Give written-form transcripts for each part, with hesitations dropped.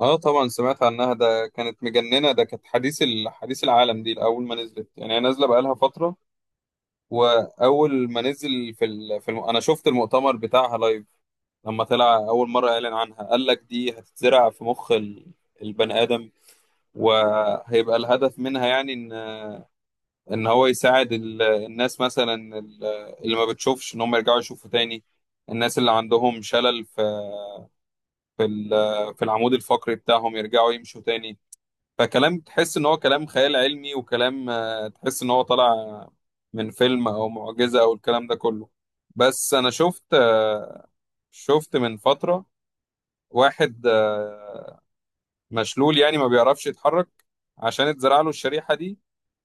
اه، طبعا سمعت عنها. ده كانت مجننة، ده كانت حديث العالم. دي اول ما نزلت، يعني هي نازلة بقالها فترة. واول ما نزل في ال... في الم... انا شفت المؤتمر بتاعها لايف. لما طلع اول مرة اعلن عنها، قال لك دي هتتزرع في مخ البني ادم، وهيبقى الهدف منها يعني ان هو يساعد الناس، مثلا اللي ما بتشوفش، ان هم يرجعوا يشوفوا تاني. الناس اللي عندهم شلل في ال... في العمود الفقري بتاعهم، يرجعوا يمشوا تاني. فكلام تحس ان هو كلام خيال علمي، وكلام تحس ان هو طالع من فيلم، او معجزة، او الكلام ده كله. بس انا شفت من فترة واحد مشلول، يعني ما بيعرفش يتحرك. عشان اتزرع له الشريحة دي،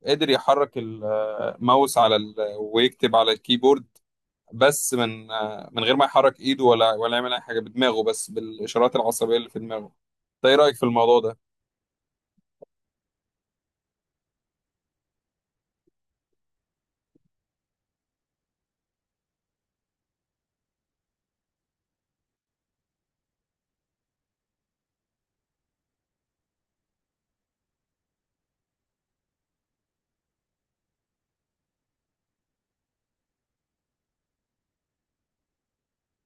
قدر يحرك الماوس ويكتب على الكيبورد، بس من غير ما يحرك ايده، ولا يعمل اي حاجة بدماغه، بس بالاشارات العصبية اللي في دماغه. ده ايه رأيك في الموضوع ده؟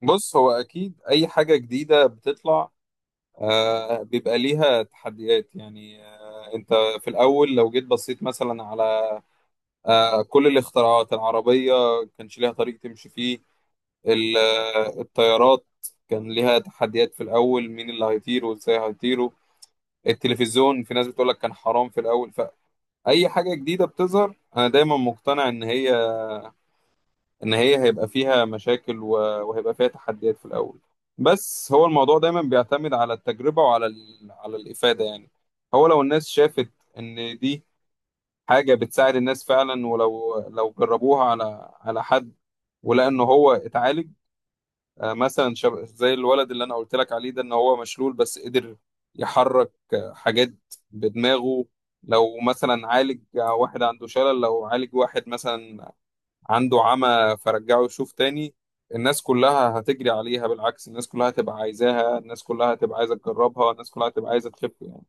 بص هو اكيد اي حاجة جديدة بتطلع بيبقى ليها تحديات، يعني انت في الاول لو جيت بصيت مثلا على كل الاختراعات العربيه، كانش ليها طريق تمشي فيه. الطيارات كان ليها تحديات في الاول، مين اللي هيطير وازاي هيطيروا. التلفزيون في ناس بتقولك كان حرام في الاول. فاي حاجه جديده بتظهر، انا دايما مقتنع ان هي هيبقى فيها مشاكل، و- وهيبقى فيها تحديات في الاول. بس هو الموضوع دايما بيعتمد على التجربة، على الإفادة يعني. هو لو الناس شافت ان دي حاجة بتساعد الناس فعلا، ولو جربوها على حد، ولقى ان هو اتعالج. مثلا زي الولد اللي انا قلت لك عليه ده، ان هو مشلول بس قدر يحرك حاجات بدماغه. لو مثلا عالج واحد عنده شلل، لو عالج واحد مثلا عنده عمى فرجعه يشوف تاني، الناس كلها هتجري عليها. بالعكس، الناس كلها هتبقى عايزاها، الناس كلها هتبقى عايزة تجربها، الناس كلها هتبقى عايزة تخف يعني.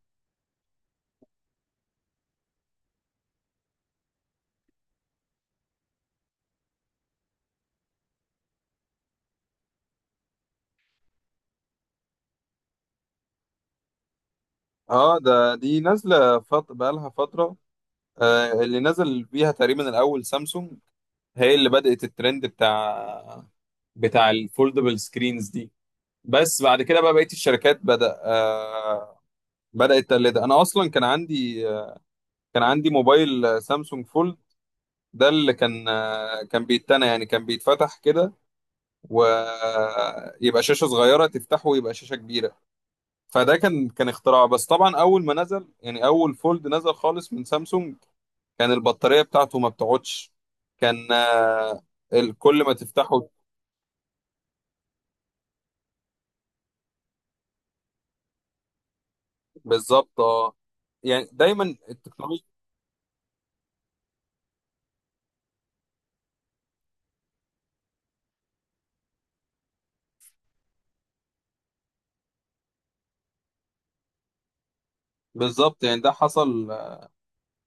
اه، ده دي نازلة بقالها فترة. اللي نزل بيها تقريبا الأول سامسونج، هي اللي بدأت الترند بتاع الفولدبل سكرينز دي. بس بعد كده بقى بقية الشركات بدأت تقلدها. أنا أصلا كان عندي موبايل سامسونج فولد، ده اللي كان بيتنى، يعني كان بيتفتح كده ويبقى شاشة صغيرة، تفتحه ويبقى شاشة كبيرة. فده كان اختراع. بس طبعا أول ما نزل، يعني أول فولد نزل خالص من سامسونج، كان البطارية بتاعته ما بتقعدش، كان كل ما تفتحه. بالظبط، اه، يعني دايما التكنولوجيا. بالظبط، يعني ده حصل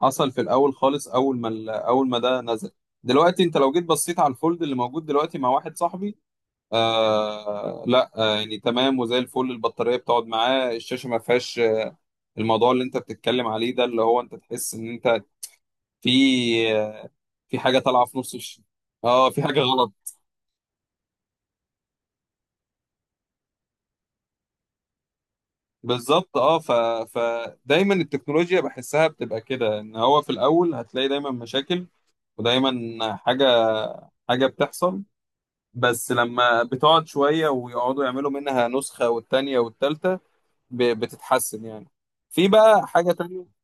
حصل في الأول خالص، أول ما أول ما ده نزل. دلوقتي انت لو جيت بصيت على الفولد اللي موجود دلوقتي مع واحد صاحبي، لا يعني تمام وزي الفل، البطارية بتقعد معاه، الشاشة ما فيهاش الموضوع اللي انت بتتكلم عليه ده، اللي هو انت تحس ان انت في في حاجه طالعه في اه في حاجه غلط. بالظبط، فدايما التكنولوجيا بحسها بتبقى كده، ان هو في الاول هتلاقي دايما مشاكل، ودايما حاجه حاجه بتحصل. بس لما بتقعد شويه ويقعدوا يعملوا منها نسخه والتانيه والتالته، بتتحسن يعني. في بقى حاجه تانيه،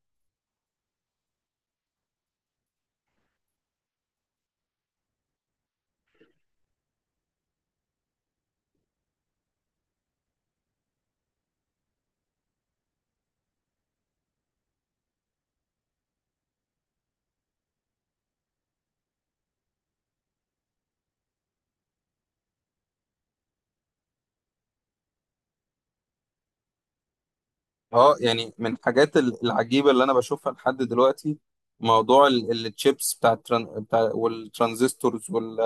اه، يعني من الحاجات العجيبة اللي انا بشوفها لحد دلوقتي، موضوع التشيبس بتاع والترانزستورز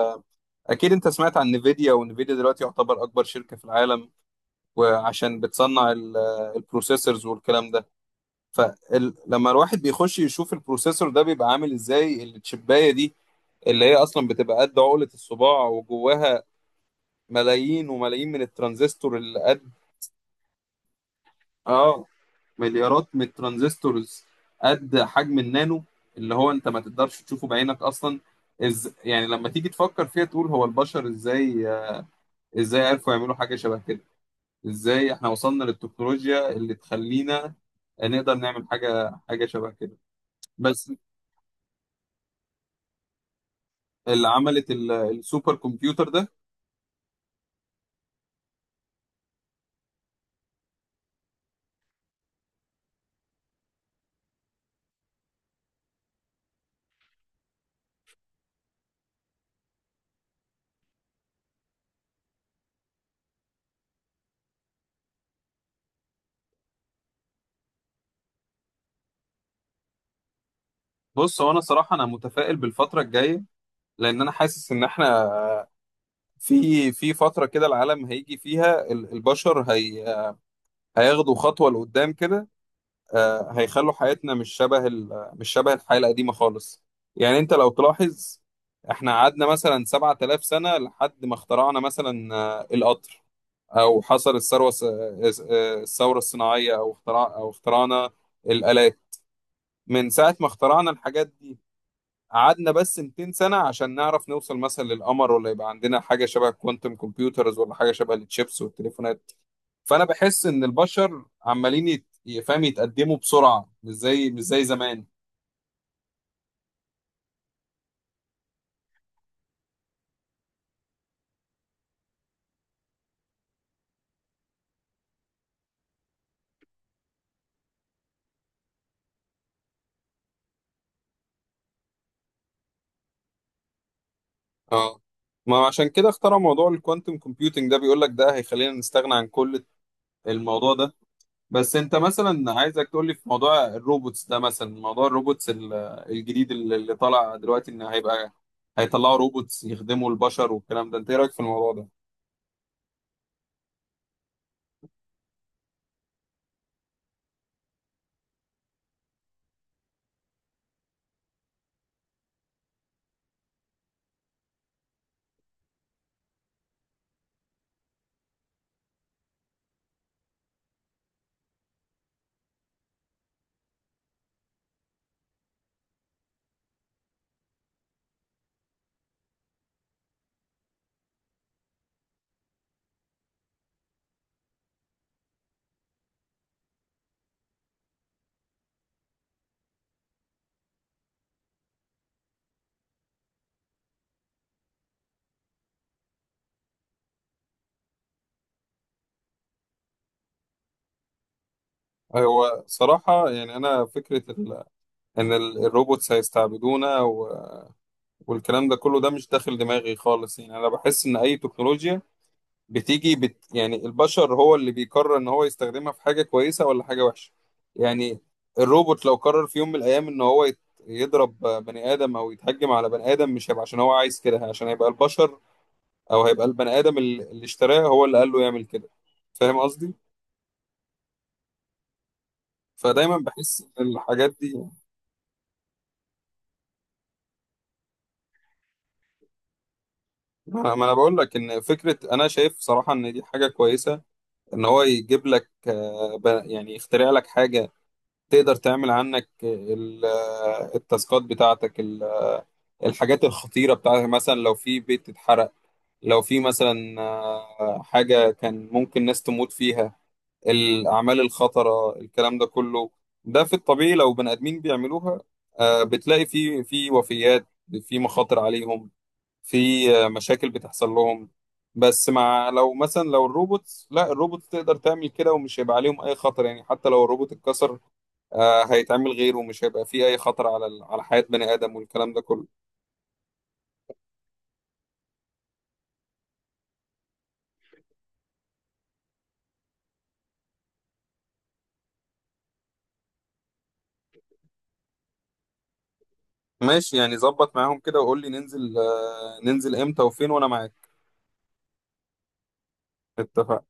اكيد انت سمعت عن نيفيديا، ونيفيديا دلوقتي يعتبر اكبر شركة في العالم، وعشان بتصنع البروسيسورز والكلام ده. فلما الواحد بيخش يشوف البروسيسور ده، بيبقى عامل ازاي التشيباية دي اللي هي اصلا بتبقى قد عقلة الصباع، وجواها ملايين وملايين من الترانزستور اللي قد، اه، مليارات من الترانزستورز قد حجم النانو، اللي هو انت ما تقدرش تشوفه بعينك اصلا. يعني لما تيجي تفكر فيها، تقول هو البشر ازاي، ازاي عرفوا يعملوا حاجة شبه كده؟ ازاي احنا وصلنا للتكنولوجيا اللي تخلينا نقدر نعمل حاجة شبه كده؟ بس اللي عملت السوبر كمبيوتر ده. بص هو انا صراحة انا متفائل بالفترة الجاية، لان انا حاسس ان احنا في فترة كده العالم هيجي فيها البشر هياخدوا خطوة لقدام كده. هيخلوا حياتنا مش شبه الحياة القديمة خالص. يعني انت لو تلاحظ، احنا قعدنا مثلا 7,000 سنة لحد ما اخترعنا مثلا، القطر، او حصل الثروة الس- آه، الثورة الصناعية، او اختراع او اخترعنا الآلات. من ساعة ما اخترعنا الحاجات دي، قعدنا بس 200 سنة عشان نعرف نوصل مثلا للقمر، ولا يبقى عندنا حاجة شبه الكوانتم كمبيوترز، ولا حاجة شبه التشيبس والتليفونات. فانا بحس ان البشر عمالين يت- يفهم يتقدموا بسرعه، مش زي زمان. اه، ما عشان كده اخترعوا موضوع الكوانتم كومبيوتنج ده، بيقول لك ده هيخلينا نستغنى عن كل الموضوع ده. بس انت مثلا عايزك تقول لي في موضوع الروبوتس ده، مثلا موضوع الروبوتس الجديد اللي طالع دلوقتي، ان هيطلعوا روبوتس يخدموا البشر والكلام ده، انت ايه رايك في الموضوع ده؟ هو صراحة يعني أنا فكرة الروبوتس هيستعبدونا والكلام ده كله، ده مش داخل دماغي خالص. يعني انا بحس ان اي تكنولوجيا بتيجي يعني البشر هو اللي بيقرر ان هو يستخدمها في حاجة كويسة ولا حاجة وحشة. يعني الروبوت لو قرر في يوم من الايام ان هو يضرب بني ادم، او يتهجم على بني ادم، مش هيبقى عشان هو عايز كده، عشان هيبقى البشر، او هيبقى البني ادم اللي اشتراه هو اللي قال له يعمل كده، فاهم قصدي؟ فدايما بحس ان الحاجات دي، ما أنا بقول لك ان فكرة، انا شايف صراحة ان دي حاجة كويسة، ان هو يجيب لك يعني يخترع لك حاجه تقدر تعمل عنك التاسكات بتاعتك، الحاجات الخطيره بتاعتك. مثلا لو في بيت اتحرق، لو في مثلا حاجه كان ممكن ناس تموت فيها، الاعمال الخطره الكلام ده كله، ده في الطبيعي لو بني ادمين بيعملوها، بتلاقي في وفيات، في مخاطر عليهم، في مشاكل بتحصل لهم. بس لو مثلا، لو الروبوتس، لا الروبوتس تقدر تعمل كده، ومش هيبقى عليهم اي خطر، يعني حتى لو الروبوت اتكسر، هيتعمل غيره، ومش هيبقى فيه اي خطر على حياة بني ادم والكلام ده كله. ماشي، يعني ظبط معاهم كده وقول لي ننزل، ننزل امتى وفين، وانا معاك. اتفقنا.